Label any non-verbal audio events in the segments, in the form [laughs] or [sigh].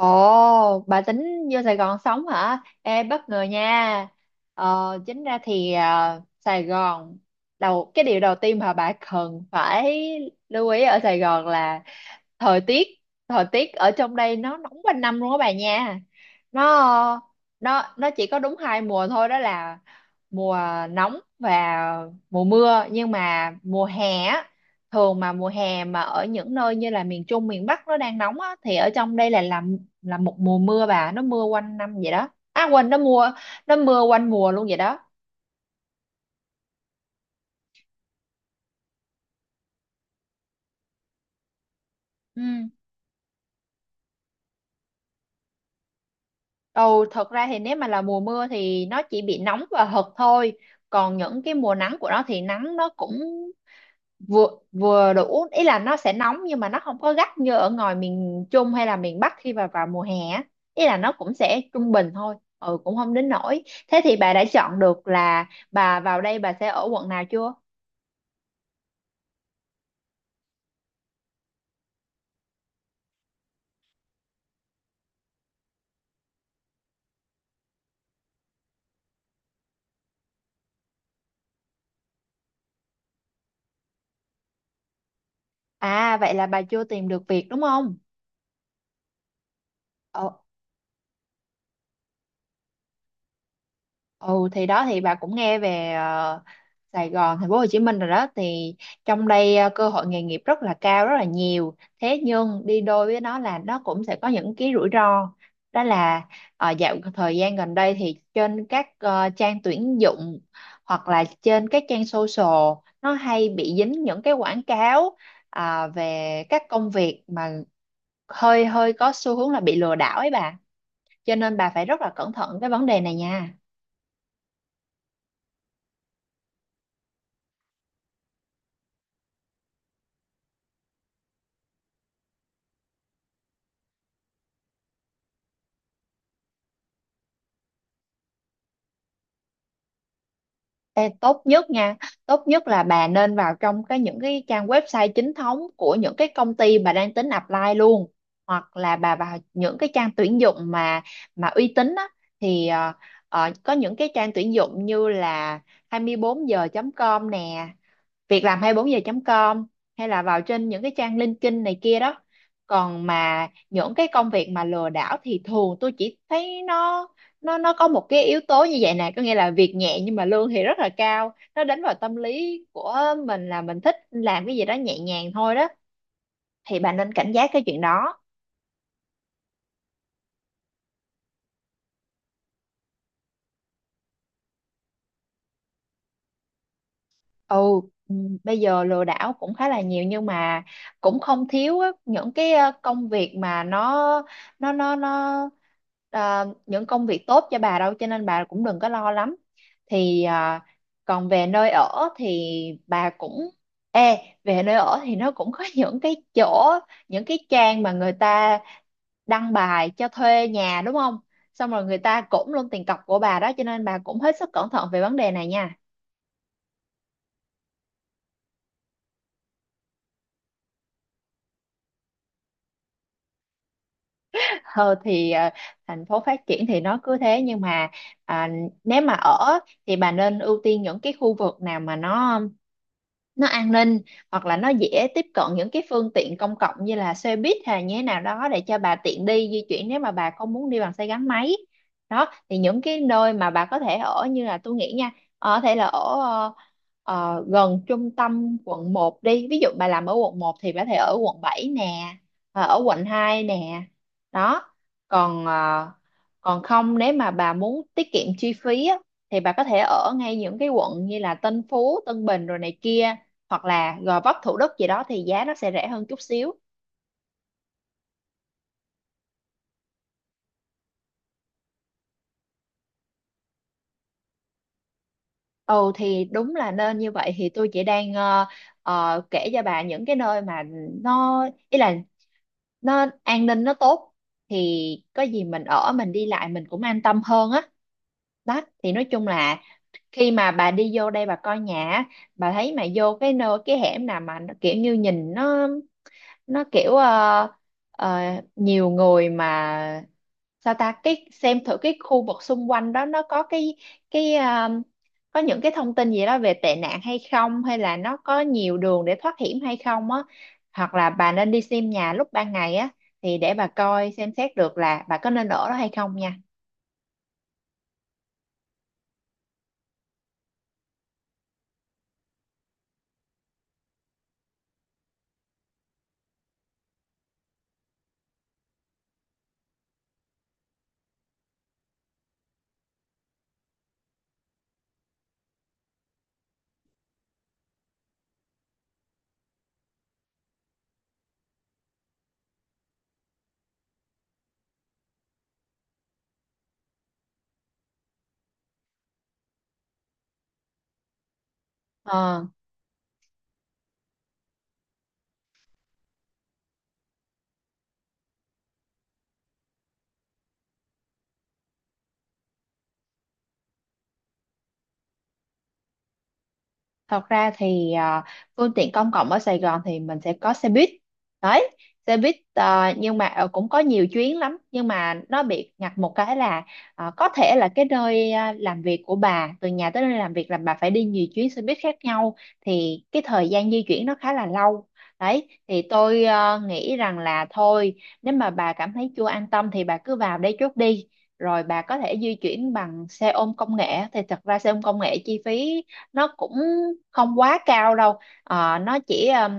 Ồ, bà tính vô Sài Gòn sống hả? Ê, bất ngờ nha. Chính ra thì, Sài Gòn, cái điều đầu tiên mà bà cần phải lưu ý ở Sài Gòn là thời tiết. Thời tiết ở trong đây nó nóng quanh năm luôn á bà nha. Nó nó chỉ có đúng 2 mùa thôi, đó là mùa nóng và mùa mưa. Nhưng mà mùa hè á, thường mà mùa hè mà ở những nơi như là miền Trung, miền Bắc nó đang nóng á, thì ở trong đây là là một mùa mưa bà, nó mưa quanh năm vậy đó. À quên, nó mưa quanh mùa luôn vậy đó. Ừ ồ, thật ra thì nếu mà là mùa mưa thì nó chỉ bị nóng và hật thôi, còn những cái mùa nắng của nó thì nắng nó cũng vừa vừa đủ, ý là nó sẽ nóng nhưng mà nó không có gắt như ở ngoài miền Trung hay là miền Bắc khi mà vào mùa hè á. Ý là nó cũng sẽ trung bình thôi, ừ, cũng không đến nỗi. Thế thì bà đã chọn được là bà vào đây bà sẽ ở quận nào chưa? À, vậy là bà chưa tìm được việc đúng không? Ờ. Ừ thì đó, thì bà cũng nghe về Sài Gòn, thành phố Hồ Chí Minh rồi đó, thì trong đây cơ hội nghề nghiệp rất là cao, rất là nhiều. Thế nhưng đi đôi với nó là nó cũng sẽ có những cái rủi ro. Đó là dạo thời gian gần đây thì trên các trang tuyển dụng hoặc là trên các trang social, nó hay bị dính những cái quảng cáo về các công việc mà hơi hơi có xu hướng là bị lừa đảo ấy bà. Cho nên bà phải rất là cẩn thận cái vấn đề này nha. Ê, tốt nhất nha, tốt nhất là bà nên vào trong cái những cái trang website chính thống của những cái công ty bà đang tính apply luôn, hoặc là bà vào những cái trang tuyển dụng mà uy tín á, thì có những cái trang tuyển dụng như là 24giờ.com nè, việc làm 24giờ com, hay là vào trên những cái trang LinkedIn này kia đó. Còn mà những cái công việc mà lừa đảo thì thường tôi chỉ thấy nó, nó có một cái yếu tố như vậy nè, có nghĩa là việc nhẹ nhưng mà lương thì rất là cao, nó đánh vào tâm lý của mình là mình thích làm cái gì đó nhẹ nhàng thôi đó, thì bạn nên cảnh giác cái chuyện đó. Ừ. Bây giờ lừa đảo cũng khá là nhiều, nhưng mà cũng không thiếu á, những cái công việc mà nó nó nó những công việc tốt cho bà đâu, cho nên bà cũng đừng có lo lắm. Thì còn về nơi ở thì bà cũng, ê, về nơi ở thì nó cũng có [laughs] những cái chỗ, những cái trang mà người ta đăng bài cho thuê nhà đúng không, xong rồi người ta cũng luôn tiền cọc của bà đó, cho nên bà cũng hết sức cẩn thận về vấn đề này nha. ờ thì ờ, thành phố phát triển thì nó cứ thế, nhưng mà à, nếu mà ở thì bà nên ưu tiên những cái khu vực nào mà nó an ninh, hoặc là nó dễ tiếp cận những cái phương tiện công cộng như là xe buýt hay như thế nào đó để cho bà tiện đi di chuyển nếu mà bà không muốn đi bằng xe gắn máy. Đó thì những cái nơi mà bà có thể ở như là tôi nghĩ nha, có thể là ở gần trung tâm Quận 1 đi, ví dụ bà làm ở Quận 1 thì bà có thể ở Quận 7 nè, ở Quận 2 nè. Đó, còn còn không, nếu mà bà muốn tiết kiệm chi phí á, thì bà có thể ở ngay những cái quận như là Tân Phú, Tân Bình rồi này kia, hoặc là Gò Vấp, Thủ Đức gì đó thì giá nó sẽ rẻ hơn chút xíu. Ừ thì đúng là nên như vậy. Thì tôi chỉ đang kể cho bà những cái nơi mà nó, ý là nó an ninh nó tốt, thì có gì mình ở mình đi lại mình cũng an tâm hơn á. Đó thì nói chung là khi mà bà đi vô đây bà coi nhà á, bà thấy mà vô cái nơi cái hẻm nào mà nó kiểu như nhìn nó kiểu ờ, nhiều người, mà sao ta, cái xem thử cái khu vực xung quanh đó nó có cái, cái ờ, có những cái thông tin gì đó về tệ nạn hay không, hay là nó có nhiều đường để thoát hiểm hay không á, hoặc là bà nên đi xem nhà lúc ban ngày á thì để bà coi xem xét được là bà có nên ở đó hay không nha. Ờ. Thật ra thì phương tiện công cộng ở Sài Gòn thì mình sẽ có xe buýt đấy, xe buýt nhưng mà cũng có nhiều chuyến lắm, nhưng mà nó bị ngặt một cái là có thể là cái nơi làm việc của bà, từ nhà tới nơi làm việc là bà phải đi nhiều chuyến xe buýt khác nhau, thì cái thời gian di chuyển nó khá là lâu đấy. Thì tôi nghĩ rằng là thôi, nếu mà bà cảm thấy chưa an tâm thì bà cứ vào đây trước đi, rồi bà có thể di chuyển bằng xe ôm công nghệ. Thì thật ra xe ôm công nghệ chi phí nó cũng không quá cao đâu. Ờ, nó chỉ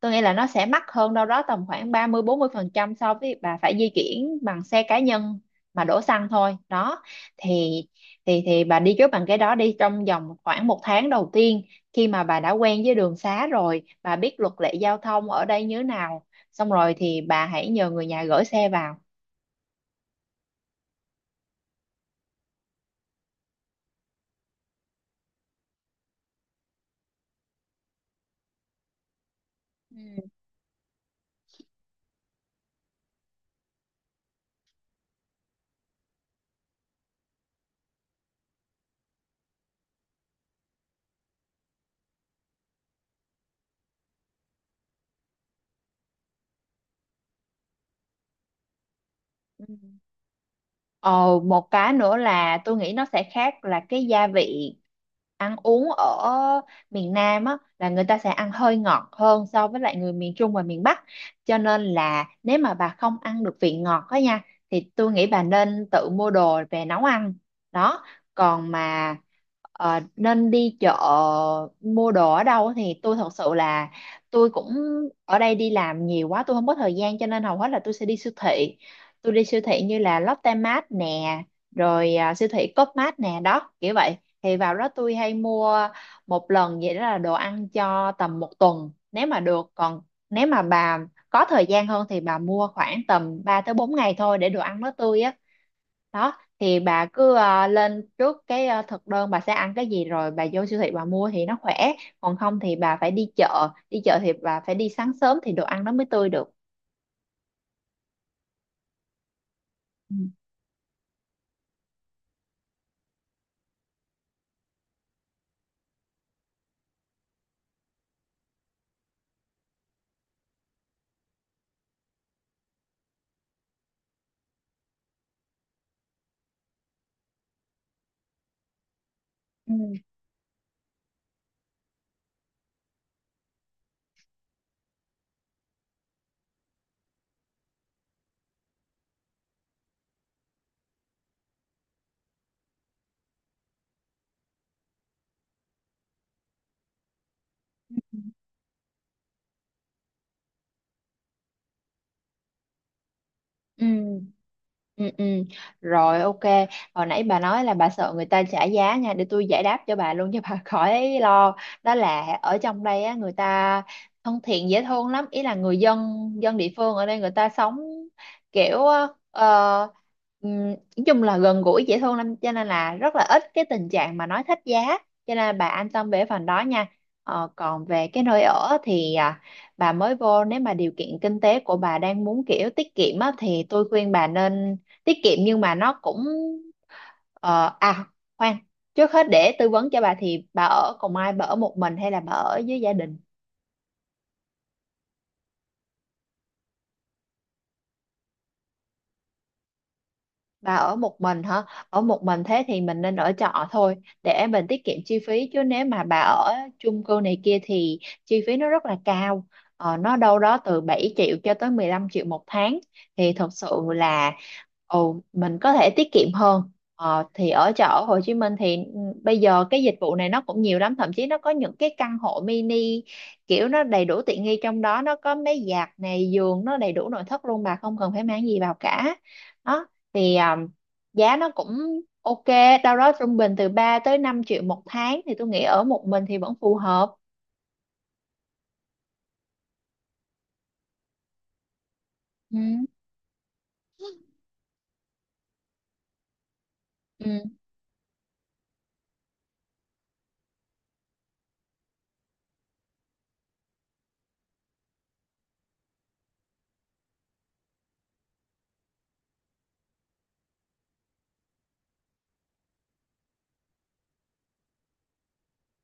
tôi nghĩ là nó sẽ mắc hơn đâu đó tầm khoảng 30-40% so với bà phải di chuyển bằng xe cá nhân mà đổ xăng thôi đó. Thì bà đi trước bằng cái đó đi trong vòng khoảng 1 tháng đầu tiên, khi mà bà đã quen với đường xá rồi, bà biết luật lệ giao thông ở đây như thế nào, xong rồi thì bà hãy nhờ người nhà gửi xe vào. Ừ. Ừ. Ờ, một cái nữa là tôi nghĩ nó sẽ khác là cái gia vị, ăn uống ở miền Nam á là người ta sẽ ăn hơi ngọt hơn so với lại người miền Trung và miền Bắc, cho nên là nếu mà bà không ăn được vị ngọt đó nha, thì tôi nghĩ bà nên tự mua đồ về nấu ăn. Đó, còn mà nên đi chợ mua đồ ở đâu thì tôi thật sự là tôi cũng, ở đây đi làm nhiều quá tôi không có thời gian, cho nên hầu hết là tôi sẽ đi siêu thị. Tôi đi siêu thị như là Lotte Mart nè, rồi siêu thị Coopmart nè, đó kiểu vậy. Thì vào đó tôi hay mua một lần vậy đó là đồ ăn cho tầm 1 tuần nếu mà được, còn nếu mà bà có thời gian hơn thì bà mua khoảng tầm 3 tới 4 ngày thôi để đồ ăn nó tươi á. Đó thì bà cứ lên trước cái thực đơn bà sẽ ăn cái gì, rồi bà vô siêu thị bà mua thì nó khỏe. Còn không thì bà phải đi chợ, đi chợ thì bà phải đi sáng sớm thì đồ ăn nó mới tươi được. Ừ. Ừ. Ừ. Ừ, ừ. Rồi, ok. Hồi nãy bà nói là bà sợ người ta trả giá nha, để tôi giải đáp cho bà luôn cho bà [laughs] khỏi lo. Đó là ở trong đây á, người ta thân thiện dễ thương lắm. Ý là người dân dân địa phương ở đây người ta sống kiểu ờ, nói chung là gần gũi dễ thương lắm, cho nên là rất là ít cái tình trạng mà nói thách giá. Cho nên là bà an tâm về phần đó nha. Ờ, còn về cái nơi ở thì bà mới vô, nếu mà điều kiện kinh tế của bà đang muốn kiểu tiết kiệm á, thì tôi khuyên bà nên tiết kiệm. Nhưng mà nó cũng ờ, à khoan trước hết để tư vấn cho bà, thì bà ở cùng ai, bà ở một mình hay là bà ở với gia đình? Bà ở một mình hả? Ở một mình thế thì mình nên ở trọ thôi, để mình tiết kiệm chi phí. Chứ nếu mà bà ở chung cư này kia thì chi phí nó rất là cao. Ờ, nó đâu đó từ 7 triệu cho tới 15 triệu 1 tháng, thì thật sự là ồ, mình có thể tiết kiệm hơn. Ờ, thì ở trọ ở Hồ Chí Minh thì ừ, bây giờ cái dịch vụ này nó cũng nhiều lắm, thậm chí nó có những cái căn hộ mini kiểu nó đầy đủ tiện nghi, trong đó nó có máy giặt này, giường, nó đầy đủ nội thất luôn, bà không cần phải mang gì vào cả. Đó thì giá nó cũng ok, đâu đó trung bình từ 3 tới 5 triệu 1 tháng, thì tôi nghĩ ở một mình thì vẫn phù hợp. Ừ. Ừ.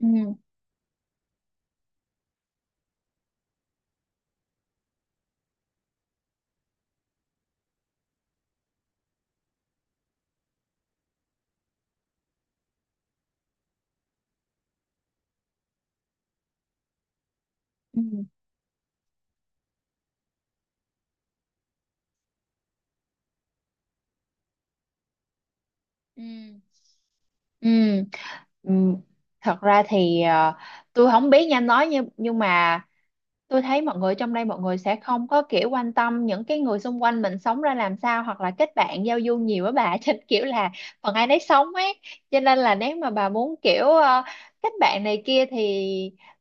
Ừ. Ừ. Ừ. Ừ. Ừ. Thật ra thì tôi không biết nha anh nói, nhưng mà tôi thấy mọi người trong đây, mọi người sẽ không có kiểu quan tâm những cái người xung quanh mình sống ra làm sao, hoặc là kết bạn giao du nhiều á bà [laughs] trên kiểu là phần ai nấy sống ấy, cho nên là nếu mà bà muốn kiểu kết bạn này kia thì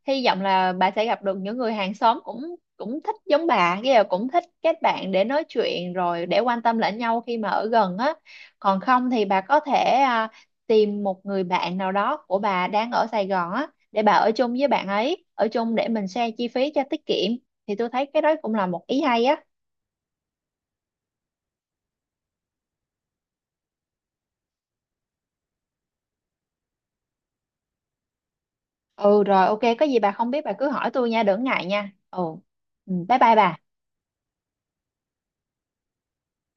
hy vọng là bà sẽ gặp được những người hàng xóm cũng cũng thích giống bà, cái là cũng thích kết bạn để nói chuyện, rồi để quan tâm lẫn nhau khi mà ở gần á. Còn không thì bà có thể tìm một người bạn nào đó của bà đang ở Sài Gòn á, để bà ở chung với bạn ấy, ở chung để mình share chi phí cho tiết kiệm. Thì tôi thấy cái đó cũng là một ý hay á. Ừ rồi, ok, có gì bà không biết bà cứ hỏi tôi nha, đừng ngại nha. Ừ. Ừ, bye bye bà.